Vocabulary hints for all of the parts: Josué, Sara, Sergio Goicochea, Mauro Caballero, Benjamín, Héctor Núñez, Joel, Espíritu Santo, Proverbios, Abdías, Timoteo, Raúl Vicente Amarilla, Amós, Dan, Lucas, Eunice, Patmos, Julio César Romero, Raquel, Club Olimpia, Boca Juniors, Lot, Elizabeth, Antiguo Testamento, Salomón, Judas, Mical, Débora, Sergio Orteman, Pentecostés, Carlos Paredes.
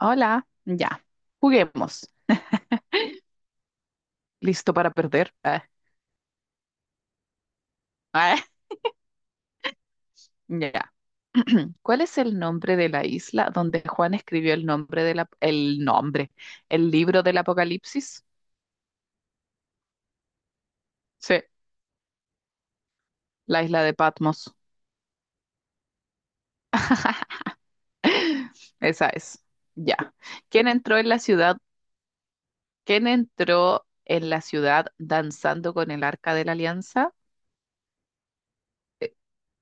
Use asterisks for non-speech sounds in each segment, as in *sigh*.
Hola, ya, juguemos. ¿Listo para perder? Ah, ya. *clears throat* ¿Cuál es el nombre de la isla donde Juan escribió el nombre de la- el nombre, el libro del Apocalipsis? Sí, la isla de Patmos. Esa es. Ya. ¿Quién entró en la ciudad? ¿Quién entró en la ciudad danzando con el Arca de la Alianza? Eh,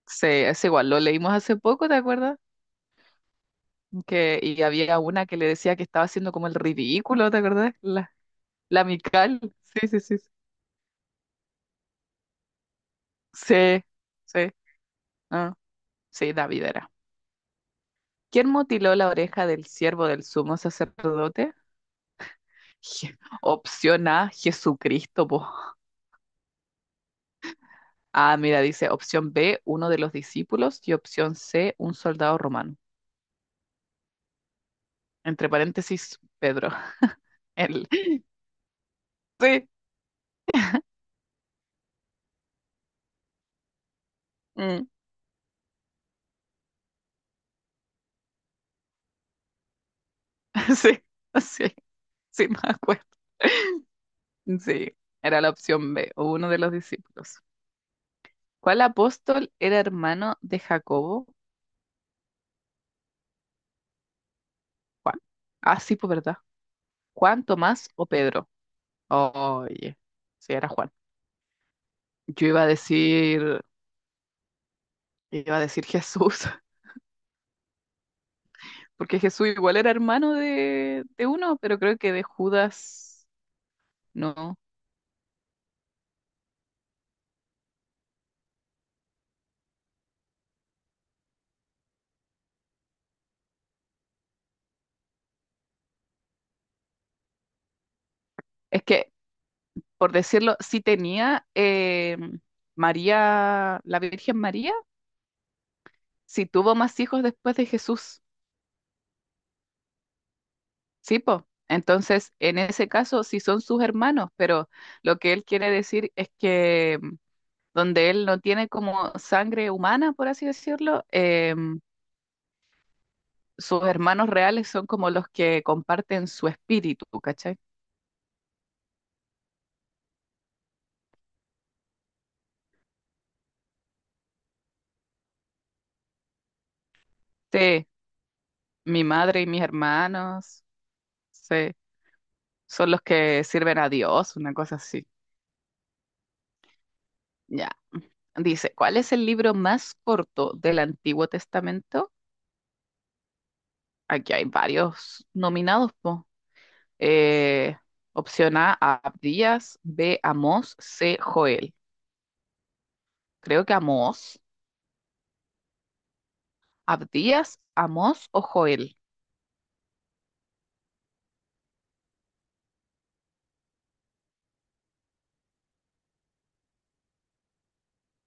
Sí, es igual, lo leímos hace poco, ¿te acuerdas? Que, y había una que le decía que estaba haciendo como el ridículo, ¿te acuerdas? La Mical, sí, sí, sí, sí, sí, sí, ah, sí, David era. ¿Quién mutiló la oreja del siervo del sumo sacerdote? Opción A, Jesucristo, po. Ah, mira, dice opción B, uno de los discípulos, y opción C, un soldado romano. Entre paréntesis, Pedro. *laughs* Él. Sí, mm, *laughs* sí, sí, sí, me acuerdo. Sí, era la opción B, uno de los discípulos. ¿Cuál apóstol era hermano de Jacobo? Juan. Ah, sí, pues verdad. Juan, Tomás o Pedro. Oye, sí, era Juan. Yo iba a decir Jesús, *laughs* porque Jesús igual era hermano de uno, pero creo que de Judas, no. Es que, por decirlo, sí tenía María, la Virgen María, sí tuvo más hijos después de Jesús. Sí, po. Entonces, en ese caso, sí son sus hermanos, pero lo que él quiere decir es que donde él no tiene como sangre humana, por así decirlo, em, sus hermanos reales son como los que comparten su espíritu, ¿cachai? Sí, mi madre y mis hermanos, sí, son los que sirven a Dios, una cosa así. Ya. Dice, ¿cuál es el libro más corto del Antiguo Testamento? Aquí hay varios nominados, po. Eh, opción A, Abdías, B, Amós, C, Joel. Creo que Amós. ¿Abdías, Amós o Joel?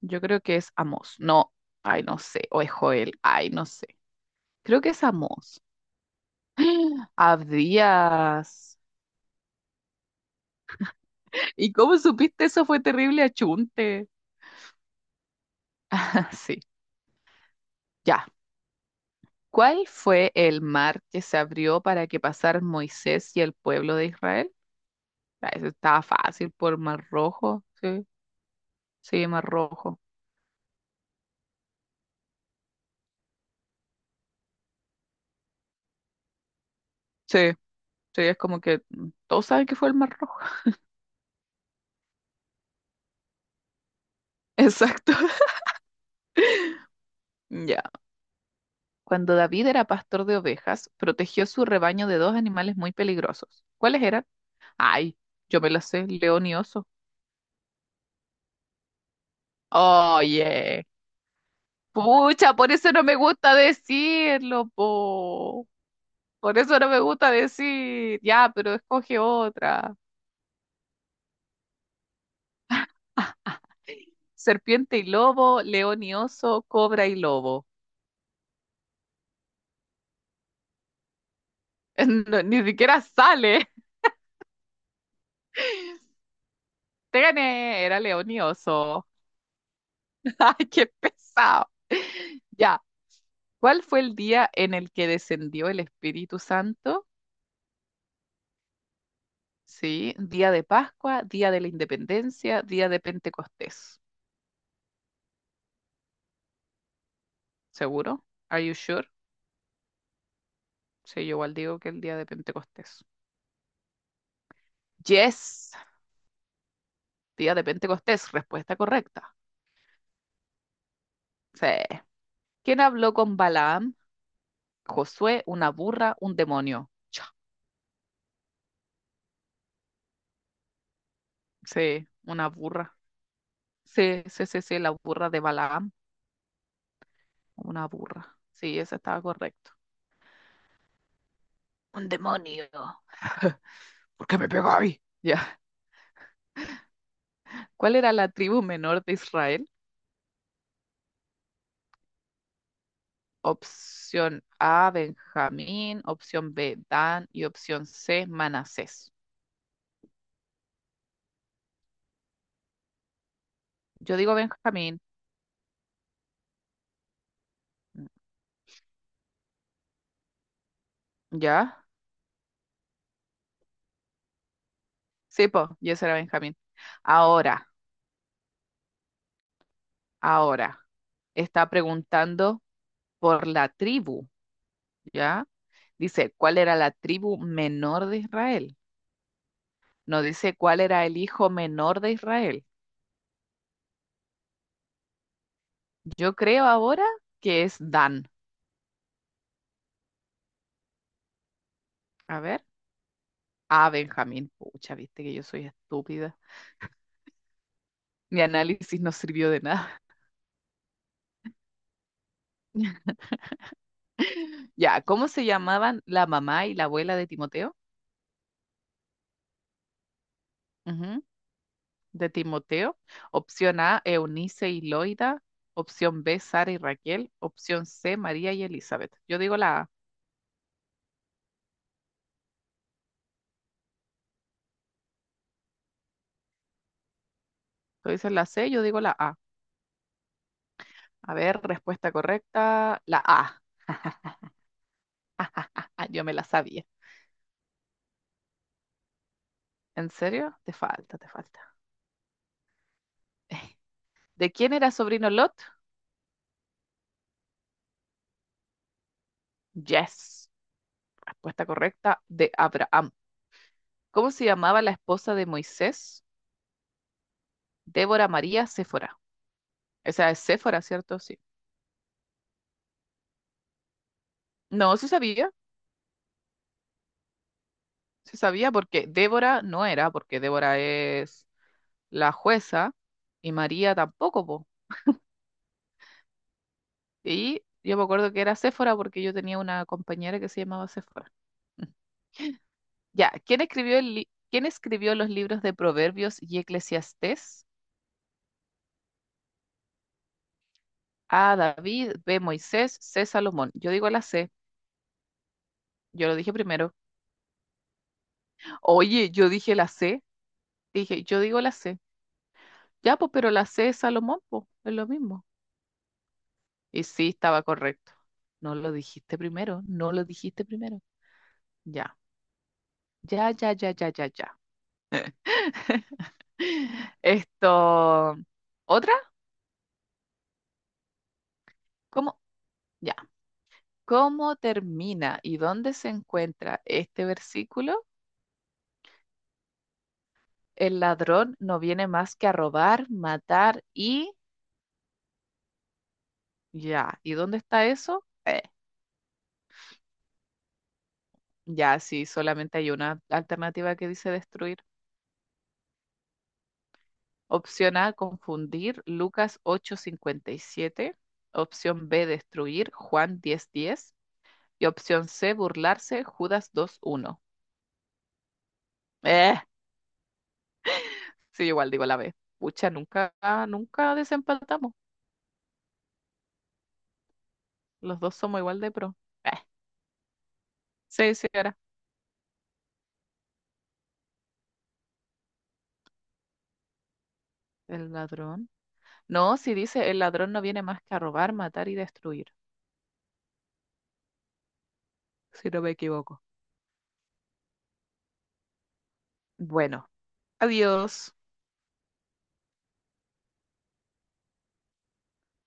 Yo creo que es Amós. No, ay, no sé. O es Joel, ay, no sé. Creo que es Amós. *gasps* Abdías. ¿Y cómo supiste eso? Fue terrible achunte. *laughs* Sí, ya. ¿Cuál fue el mar que se abrió para que pasaran Moisés y el pueblo de Israel? Ah, eso estaba fácil por Mar Rojo. Sí, sí, Mar Rojo. Sí, sí, es como que todos saben que fue el Mar Rojo. *laughs* Exacto. *laughs* Ya. Cuando David era pastor de ovejas, protegió su rebaño de dos animales muy peligrosos. ¿Cuáles eran? Ay, yo me las sé, león y oso. Oye, pucha, por eso no me gusta decirlo, po. Por eso no me gusta decir. Ya, pero escoge otra. Ah, serpiente y lobo, león y oso, cobra y lobo. *laughs* No, ni siquiera sale. Te gané, era león y oso. *laughs* Ay, qué pesado. Ya. ¿Cuál fue el día en el que descendió el Espíritu Santo? Sí, día de Pascua, día de la Independencia, día de Pentecostés. ¿Seguro? Are you sure? Sí, yo igual digo que el día de Pentecostés. Yes, día de Pentecostés, respuesta correcta. Sí. ¿Quién habló con Balaam? Josué, una burra, un demonio. Cha. Sí, una burra. Sí, sí, sí, sí, la burra de Balaam, una burra. Sí, esa estaba correcto. Un demonio. ¿Por qué me pegáis? Ya. ¿Cuál era la tribu menor de Israel? Opción A, Benjamín, opción B, Dan y opción C, Manasés. Yo digo Benjamín, ¿ya? Sí, po, yo era Benjamín. Ahora, ahora, está preguntando por la tribu, ¿ya? Dice, ¿cuál era la tribu menor de Israel? No dice cuál era el hijo menor de Israel. Yo creo ahora que es Dan. A ver, A, Benjamín. Pucha, viste que yo soy estúpida. Mi análisis no sirvió de nada. *laughs* Ya, ¿cómo se llamaban la mamá y la abuela de Timoteo? Ujú, de Timoteo. Opción A, Eunice y Loida. Opción B, Sara y Raquel. Opción C, María y Elizabeth. Yo digo la A. Tú dices la C, yo digo la A. A ver, respuesta correcta, la A. *laughs* Ah, yo me la sabía. ¿En serio? Te falta, te falta. *laughs* ¿De quién era sobrino Lot? Yes. Respuesta correcta, de Abraham. ¿Cómo se llamaba la esposa de Moisés? Débora, María, Séfora. Esa es Séfora, ¿cierto? Sí. No, sí sabía porque Débora no era, porque Débora es la jueza y María tampoco, po. Y yo me acuerdo que era Séfora porque yo tenía una compañera que se llamaba Séfora. Mm. Ya, ¿quién escribió el ¿Quién escribió los libros de Proverbios y Eclesiastés? A, David, B, Moisés, C, Salomón. Yo digo la C, yo lo dije primero. Oye, yo dije la C, dije, yo digo la C. Ya, pues, pero la C es Salomón, pues, es lo mismo. Y sí, estaba correcto. No lo dijiste primero, no lo dijiste primero. Ya, ya, ya, ya, ya, ya, ya. *laughs* Esto, ¿otra? ¿Cómo? Ya. ¿Cómo termina y dónde se encuentra este versículo? El ladrón no viene más que a robar, matar y ya. ¿Y dónde está eso? Ya, sí, solamente hay una alternativa que dice destruir. Opción A, confundir Lucas 8:57. Opción B, destruir Juan 10:10. Y opción C, burlarse Judas 2:1. Eh, sí, igual digo la B. Pucha, nunca desempatamos. Los dos somos igual de pro. Eh, sí, sí, era. El ladrón. No, si dice el ladrón no viene más que a robar, matar y destruir, si no me equivoco. Bueno, adiós.